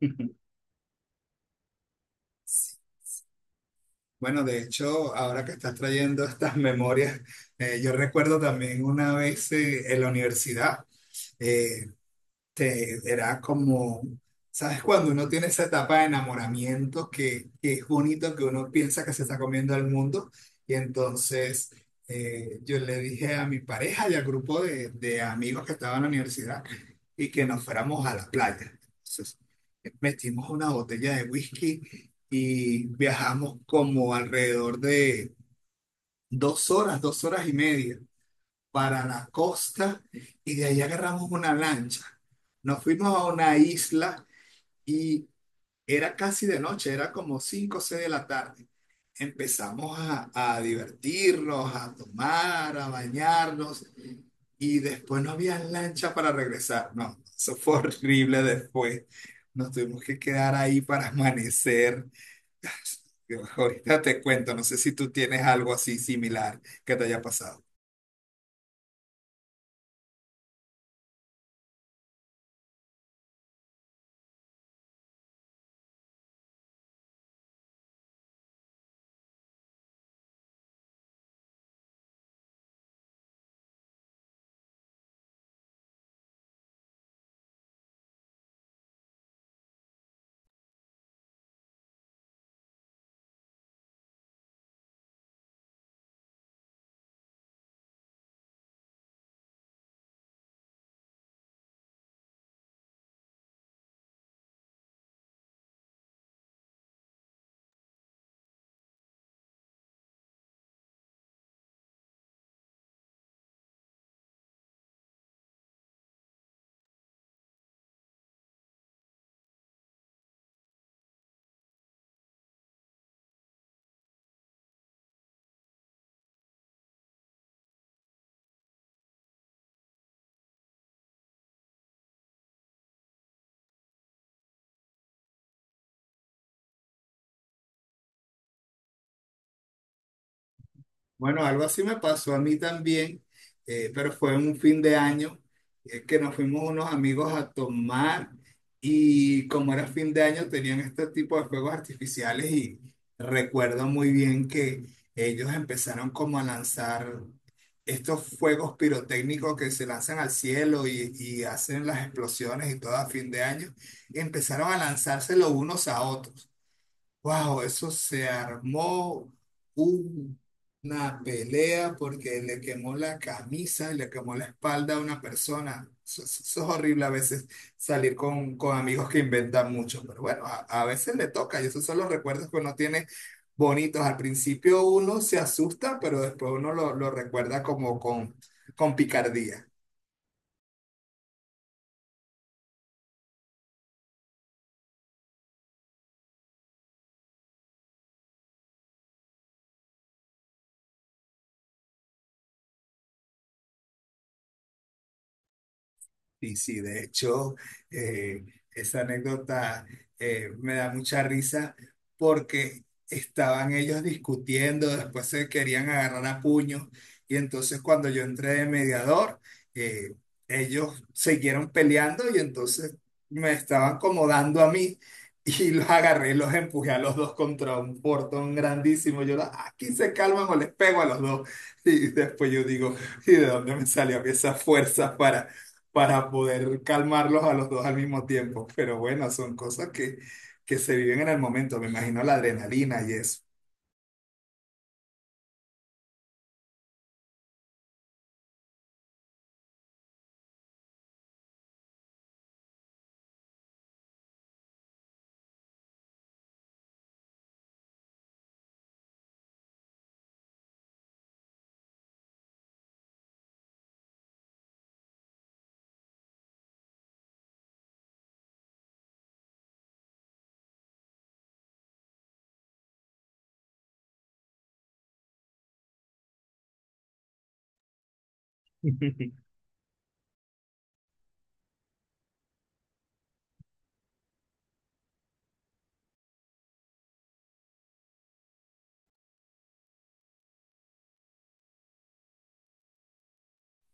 Bueno, de hecho, ahora que estás trayendo estas memorias, yo recuerdo también una vez en la universidad. eh, Era como, ¿sabes? Cuando uno tiene esa etapa de enamoramiento que es bonito, que uno piensa que se está comiendo al mundo. Y entonces yo le dije a mi pareja y al grupo de amigos que estaban en la universidad y que nos fuéramos a la playa. Entonces metimos una botella de whisky y viajamos como alrededor de dos horas y media para la costa y de ahí agarramos una lancha. Nos fuimos a una isla y era casi de noche, era como 5 o 6 de la tarde. Empezamos a divertirnos, a tomar, a bañarnos y después no había lancha para regresar. No, eso fue horrible después. Nos tuvimos que quedar ahí para amanecer. Ahorita te cuento, no sé si tú tienes algo así similar que te haya pasado. Bueno, algo así me pasó a mí también, pero fue en un fin de año que nos fuimos unos amigos a tomar y como era fin de año tenían este tipo de fuegos artificiales y recuerdo muy bien que ellos empezaron como a lanzar estos fuegos pirotécnicos que se lanzan al cielo y hacen las explosiones y todo a fin de año, y empezaron a lanzárselo unos a otros. Wow, eso se armó un- una pelea porque le quemó la camisa y le quemó la espalda a una persona. Eso, eso es horrible a veces salir con amigos que inventan mucho, pero bueno, a veces le toca y esos son los recuerdos que uno tiene bonitos. Al principio uno se asusta, pero después uno lo recuerda como con picardía. Sí, sí, de hecho, eh, esa anécdota me da mucha risa porque estaban ellos discutiendo, después se querían agarrar a puños y entonces cuando yo entré de mediador, eh, ellos siguieron peleando y entonces me estaban como dando a mí y los agarré y los empujé a los dos contra un portón grandísimo. Yo, "Ah, aquí se calman o les pego a los dos. Y después yo digo, ¿y de dónde me salió a mí esa fuerza para poder calmarlos a los dos al mismo tiempo. Pero bueno, son cosas que se viven en el momento, me imagino la adrenalina y eso.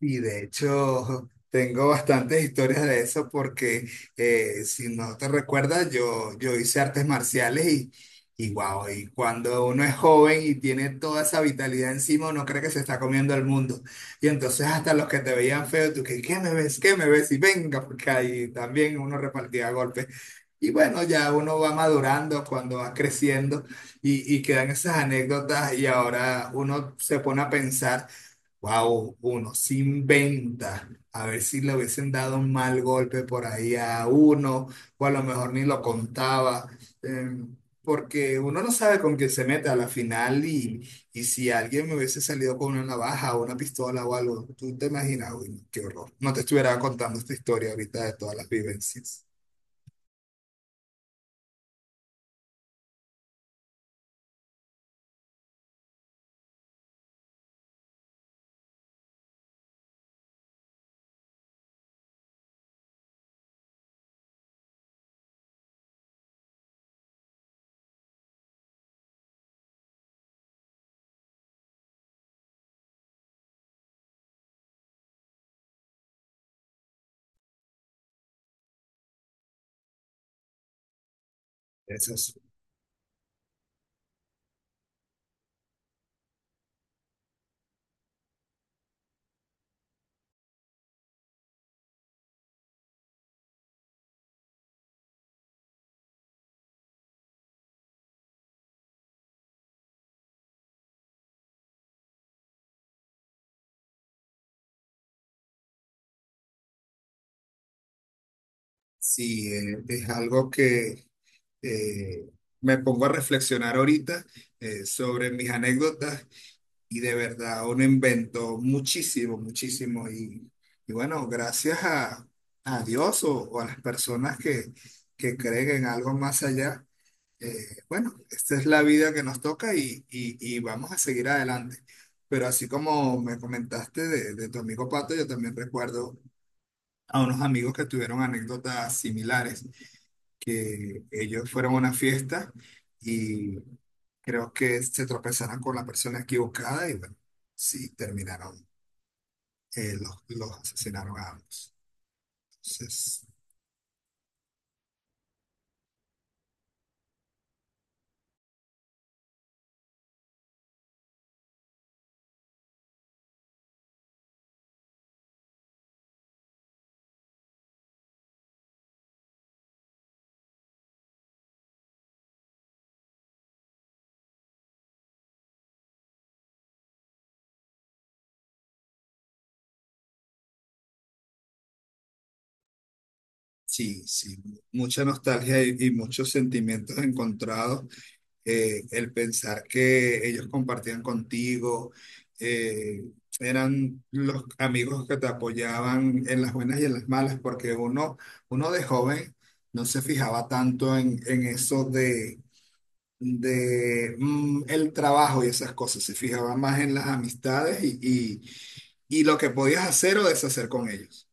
Y de hecho, tengo bastantes historias de eso porque si no te recuerdas, yo hice artes marciales y wow, y cuando uno es joven y tiene toda esa vitalidad encima, uno cree que se está comiendo el mundo. Y entonces hasta los que te veían feo, tú que, ¿qué me ves? ¿Qué me ves? Y venga, porque ahí también uno repartía golpes. Y bueno, ya uno va madurando cuando va creciendo y quedan esas anécdotas y ahora uno se pone a pensar. Wow, uno sin venta. A ver si le hubiesen dado un mal golpe por ahí a uno, o a lo mejor ni lo contaba, eh, porque uno no sabe con quién se mete a la final y si alguien me hubiese salido con una navaja o una pistola o algo, tú te imaginas, uy, no, qué horror. No te estuviera contando esta historia ahorita de todas las vivencias. Eso es- sí, es algo que eh, me pongo a reflexionar ahorita sobre mis anécdotas. Y de verdad, uno inventó muchísimo, muchísimo. Y bueno, gracias a Dios o a las personas que creen en algo más allá, bueno, esta es la vida que nos toca y, y vamos a seguir adelante. Pero así como me comentaste de tu amigo Pato, yo también recuerdo a unos amigos que tuvieron anécdotas similares, que ellos fueron a una fiesta creo que se tropezarán con la persona equivocada y bueno, sí, terminaron, los asesinaron a ambos. Entonces, sí, sí, mucha nostalgia y muchos sentimientos encontrados. El pensar que ellos compartían contigo, eh, eran los amigos que te apoyaban en las buenas y en las malas, porque uno, uno de joven no se fijaba tanto en eso de el trabajo y esas cosas, se fijaba más en las amistades y lo que podías hacer o deshacer con ellos.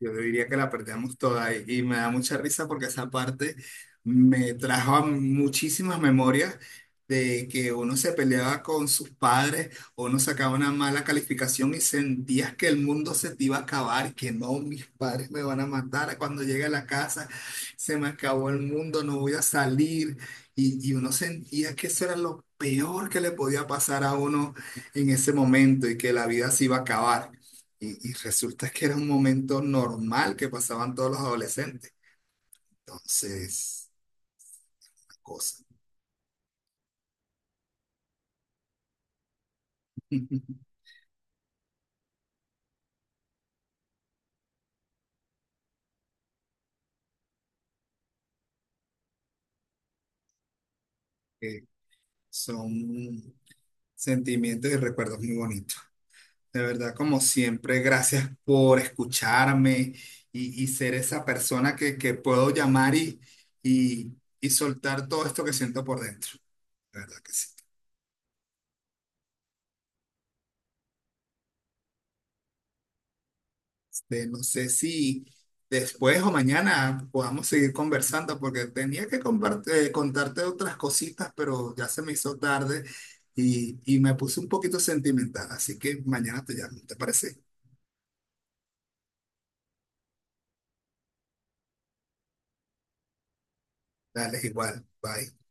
Yo diría que la perdíamos toda y me da mucha risa porque esa parte me trajo a muchísimas memorias de que uno se peleaba con sus padres o uno sacaba una mala calificación y sentías que el mundo se te iba a acabar, que no, mis padres me van a matar cuando llegue a la casa, se me acabó el mundo, no voy a salir y uno sentía que eso era lo peor que le podía pasar a uno en ese momento y que la vida se iba a acabar. Y resulta que era un momento normal que pasaban todos los adolescentes. Entonces, la cosa. Que son sentimientos y recuerdos muy bonitos. De verdad, como siempre, gracias por escucharme y ser esa persona que puedo llamar y, y soltar todo esto que siento por dentro. De verdad que sí. De no sé si después o mañana podamos seguir conversando, porque tenía que contarte otras cositas, pero ya se me hizo tarde y me puse un poquito sentimental, así que mañana te llamo, ¿te parece? Dale, igual, bye.